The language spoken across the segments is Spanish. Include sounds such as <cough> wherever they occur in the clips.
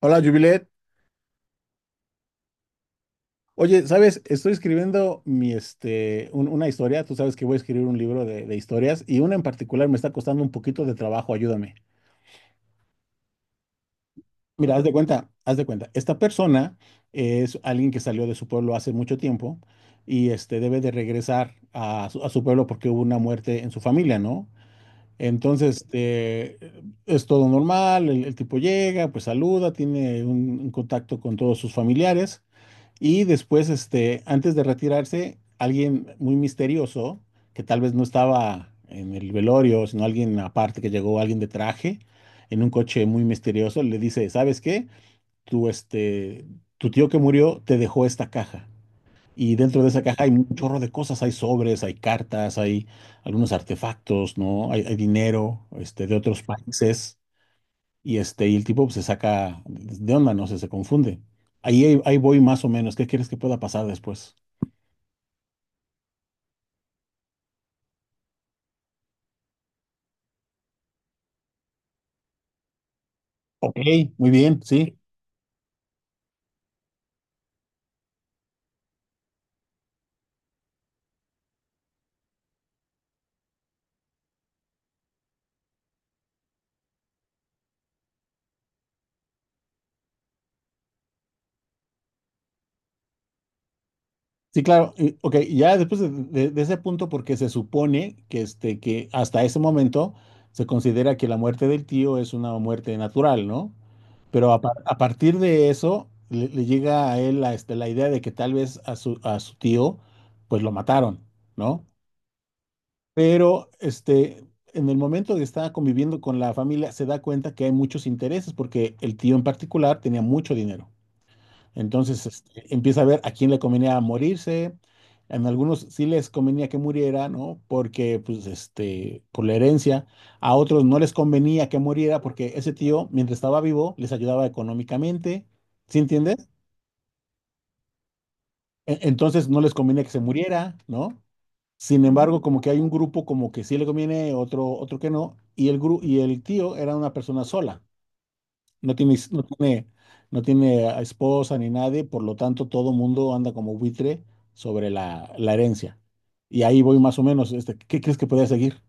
Hola, Jubilet. Oye, ¿sabes? Estoy escribiendo una historia. Tú sabes que voy a escribir un libro de historias y una en particular me está costando un poquito de trabajo. Ayúdame. Mira, haz de cuenta, haz de cuenta. Esta persona es alguien que salió de su pueblo hace mucho tiempo y debe de regresar a su pueblo porque hubo una muerte en su familia, ¿no? Entonces, es todo normal. El tipo llega, pues saluda, tiene un contacto con todos sus familiares. Y después, antes de retirarse, alguien muy misterioso, que tal vez no estaba en el velorio, sino alguien aparte que llegó, alguien de traje, en un coche muy misterioso, le dice, ¿sabes qué? Tu, este, tu tío que murió te dejó esta caja. Y dentro de esa caja hay un chorro de cosas, hay sobres, hay cartas, hay algunos artefactos, ¿no? Hay dinero, de otros países. Y el tipo, pues, se saca de onda, no sé, se confunde. Ahí voy más o menos. ¿Qué quieres que pueda pasar después? Ok, muy bien, sí. Sí, claro. Ok, ya después de ese punto, porque se supone que hasta ese momento se considera que la muerte del tío es una muerte natural, ¿no? Pero a partir de eso le llega a él la idea de que tal vez a su tío, pues, lo mataron, ¿no? Pero en el momento que estaba conviviendo con la familia, se da cuenta que hay muchos intereses, porque el tío en particular tenía mucho dinero. Entonces, empieza a ver a quién le convenía morirse. En algunos sí les convenía que muriera, ¿no? Porque, pues, por la herencia. A otros no les convenía que muriera porque ese tío, mientras estaba vivo, les ayudaba económicamente. ¿Sí entiendes? Entonces no les convenía que se muriera, ¿no? Sin embargo, como que hay un grupo como que sí le conviene, otro que no, y el tío era una persona sola, no tiene, no tiene, no tiene a esposa ni nadie, por lo tanto todo mundo anda como buitre sobre la herencia. Y ahí voy más o menos, ¿qué crees que podría seguir?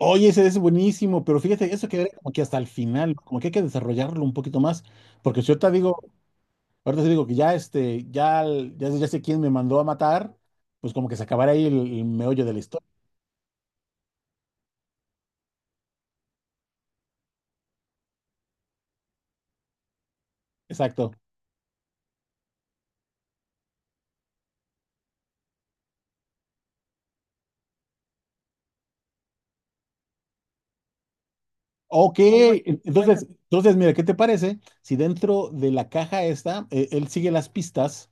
Oye, ese es buenísimo, pero fíjate, eso quedaría como que hasta el final, como que hay que desarrollarlo un poquito más, porque si yo te digo, ahorita te digo que ya sé quién me mandó a matar, pues como que se acabará ahí el meollo de la historia. Exacto. Ok. Bueno, entonces, mira, ¿qué te parece si dentro de la caja esta, él sigue las pistas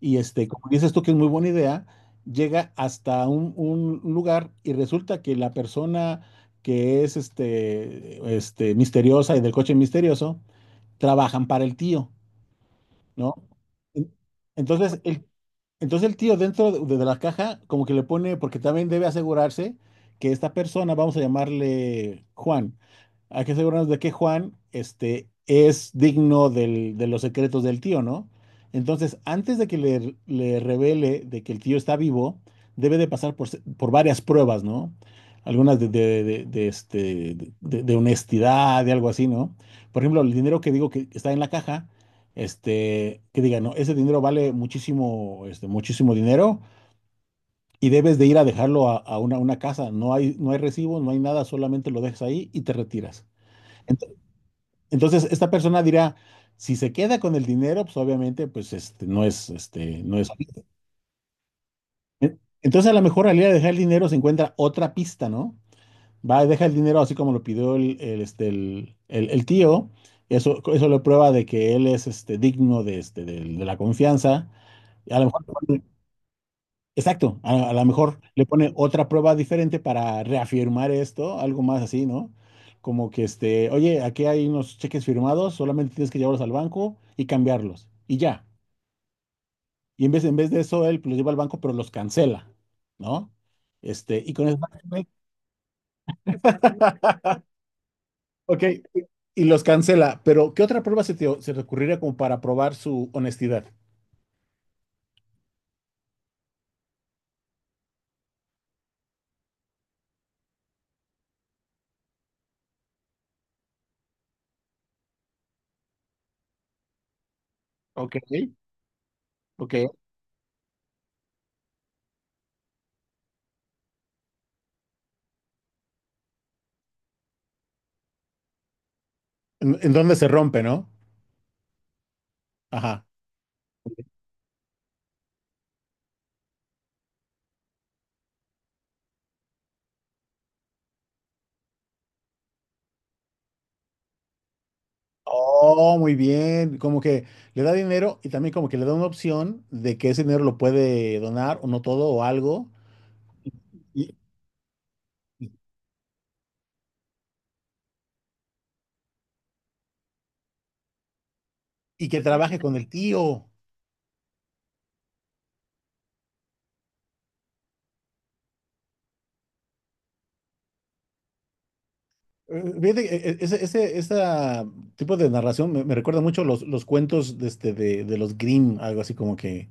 y, como dices tú que es muy buena idea, llega hasta un lugar y resulta que la persona que es misteriosa y del coche misterioso, trabajan para el tío, ¿no? En- Entonces, entonces el tío dentro de la caja como que le pone, porque también debe asegurarse que esta persona, vamos a llamarle Juan, hay que asegurarnos de que Juan es digno de los secretos del tío, ¿no? Entonces, antes de que le revele de que el tío está vivo, debe de pasar por varias pruebas, ¿no? Algunas de honestidad, de algo así, ¿no? Por ejemplo, el dinero que digo que está en la caja, que digan: no, ese dinero vale muchísimo, muchísimo dinero, y debes de ir a dejarlo a una casa. No hay recibo, no hay nada, solamente lo dejas ahí y te retiras. Ent- Entonces, esta persona dirá: si se queda con el dinero, pues obviamente, no es. Entonces, a lo mejor al ir a dejar el dinero se encuentra otra pista, ¿no? Va, deja el dinero así como lo pidió el, este, el tío. Eso le prueba de que él es, digno de, este, de la confianza. A lo mejor Exacto. A lo mejor le pone otra prueba diferente para reafirmar esto, algo más así, ¿no? Como que oye, aquí hay unos cheques firmados, solamente tienes que llevarlos al banco y cambiarlos, y ya. Y en vez de eso, él los lleva al banco, pero los cancela, ¿no? Y con eso, <laughs> ok, y los cancela, pero ¿qué otra prueba se te ocurriría como para probar su honestidad? Ok, ok. ¿En dónde se rompe, no? Ajá. Oh, muy bien. Como que le da dinero y también como que le da una opción de que ese dinero lo puede donar o no todo o algo, y, y que trabaje con el tío. Fíjate que ese, ese esa tipo de narración me recuerda mucho los cuentos de los Grimm, algo así como que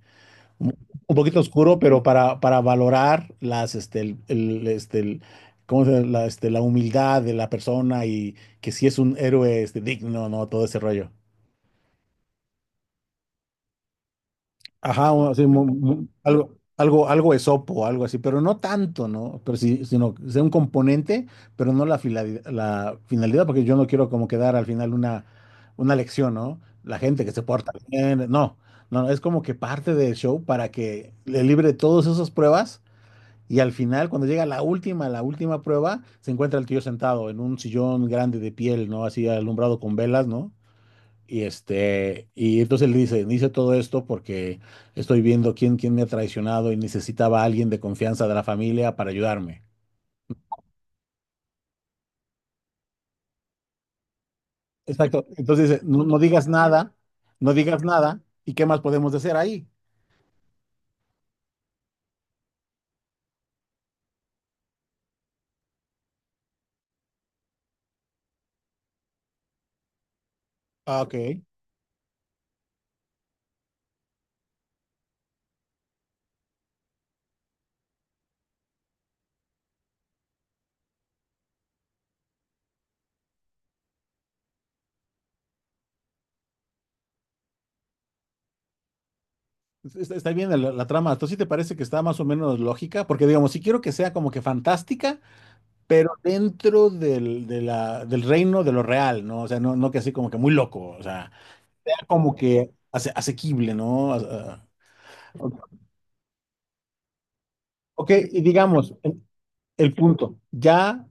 un, un poquito oscuro, pero para valorar las, este, el, este, el- ¿cómo se llama? La humildad de la persona y que si es un héroe, digno, no, todo ese rollo. Ajá, o así, algo esopo, algo así, pero no tanto, ¿no? Pero sí, sino que sea un componente, pero no la finalidad, porque yo no quiero como quedar al final una lección, ¿no? La gente que se porta bien, no, no, es como que parte del show para que le libre todas esas pruebas y, al final, cuando llega la última prueba, se encuentra el tío sentado en un sillón grande de piel, ¿no?, así alumbrado con velas, ¿no? Y entonces le dice: hice todo esto porque estoy viendo quién me ha traicionado y necesitaba a alguien de confianza de la familia para ayudarme. Exacto. Entonces dice: no, no digas nada, no digas nada. ¿Y qué más podemos hacer ahí? Ah, ok. Está bien la trama. ¿Tú sí te parece que está más o menos lógica? Porque digamos, sí quiero que sea como que fantástica, pero dentro del reino de lo real, ¿no? O sea, no, no que así como que muy loco, o sea, como que asequible, ¿no? Ah, ah. Ok, y digamos, el punto, ya,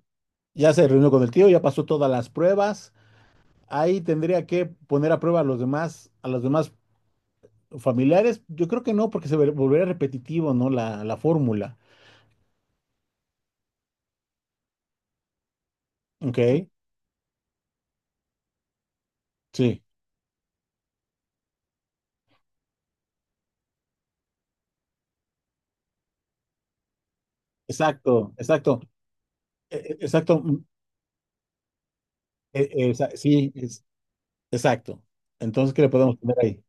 ya se reunió con el tío, ya pasó todas las pruebas, ahí tendría que poner a prueba a los demás, familiares. Yo creo que no, porque volvería repetitivo, ¿no? La fórmula. Ok, sí, exacto, exacto, exacto, sí, exacto. Entonces, ¿qué le podemos poner ahí?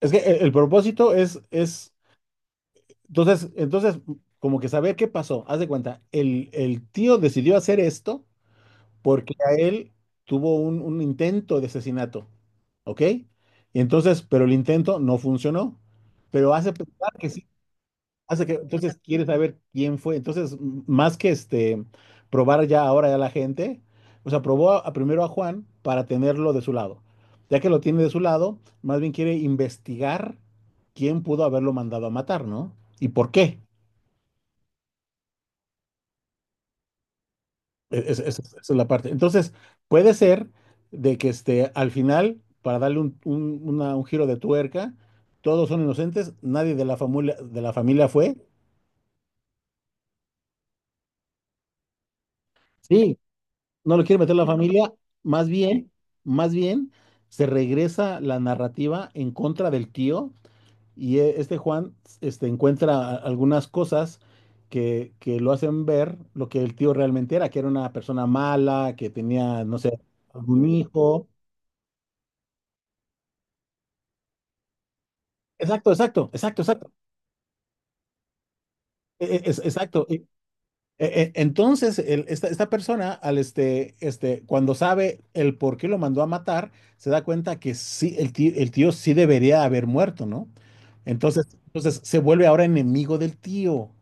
Es que el propósito es, entonces, como que saber qué pasó. Haz de cuenta, el tío decidió hacer esto porque a él tuvo un intento de asesinato, ¿ok? Y entonces, pero el intento no funcionó, pero hace pensar que sí, hace que, entonces quiere saber quién fue. Entonces, más que probar ya ahora ya la gente, o sea, probó primero a Juan para tenerlo de su lado; ya que lo tiene de su lado, más bien quiere investigar quién pudo haberlo mandado a matar, ¿no? ¿Y por qué? Esa es la parte. Entonces, puede ser de que, al final, para darle un giro de tuerca, todos son inocentes, nadie de la familia fue. Sí, no lo quiere meter la familia, más bien, más bien se regresa la narrativa en contra del tío, y este Juan encuentra algunas cosas que lo hacen ver lo que el tío realmente era, que era una persona mala, que tenía, no sé, algún hijo. Exacto, exacto, exacto, exacto, exacto. Y, entonces, esta persona, cuando sabe el por qué lo mandó a matar, se da cuenta que sí, el tío sí debería haber muerto, ¿no? Entonces se vuelve ahora enemigo del tío. O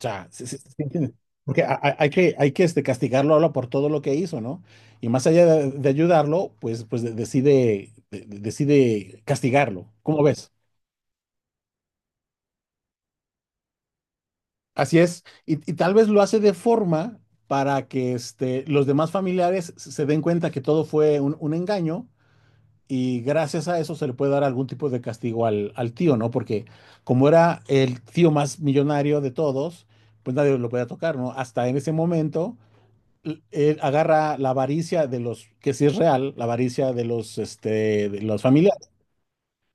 sea, ¿sí entiendes? Porque hay que, castigarlo ahora por todo lo que hizo, ¿no? Y más allá de ayudarlo, pues decide castigarlo. ¿Cómo ves? Así es, y tal vez lo hace de forma para que, los demás familiares se den cuenta que todo fue un engaño, y gracias a eso se le puede dar algún tipo de castigo al tío, ¿no? Porque como era el tío más millonario de todos, pues nadie lo podía tocar, ¿no? Hasta en ese momento, él agarra la avaricia de los, que sí es real, la avaricia de los familiares,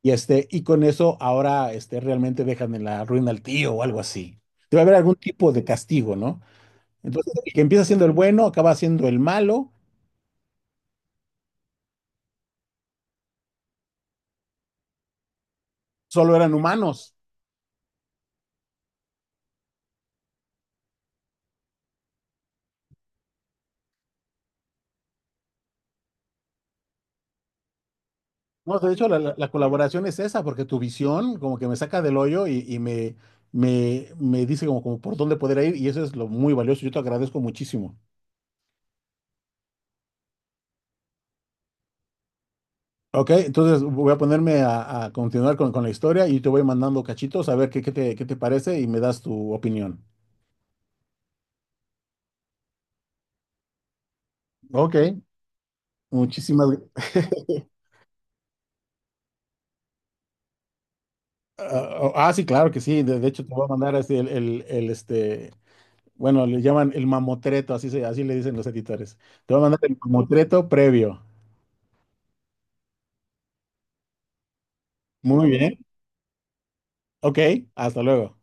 y con eso ahora, realmente dejan en la ruina al tío o algo así. Debe haber algún tipo de castigo, ¿no? Entonces, el que empieza siendo el bueno acaba siendo el malo; solo eran humanos. No, de hecho, la colaboración es esa, porque tu visión como que me saca del hoyo y me dice como por dónde poder ir, y eso es lo muy valioso. Yo te agradezco muchísimo. Ok, entonces voy a ponerme a continuar con la historia y te voy mandando cachitos a ver qué te parece, y me das tu opinión. Ok, muchísimas gracias. <laughs> Ah, oh, ah, sí, claro que sí. De hecho, te voy a mandar así. Bueno, le llaman el mamotreto, así le dicen los editores. Te voy a mandar el mamotreto previo. Muy bien. Ok, hasta luego.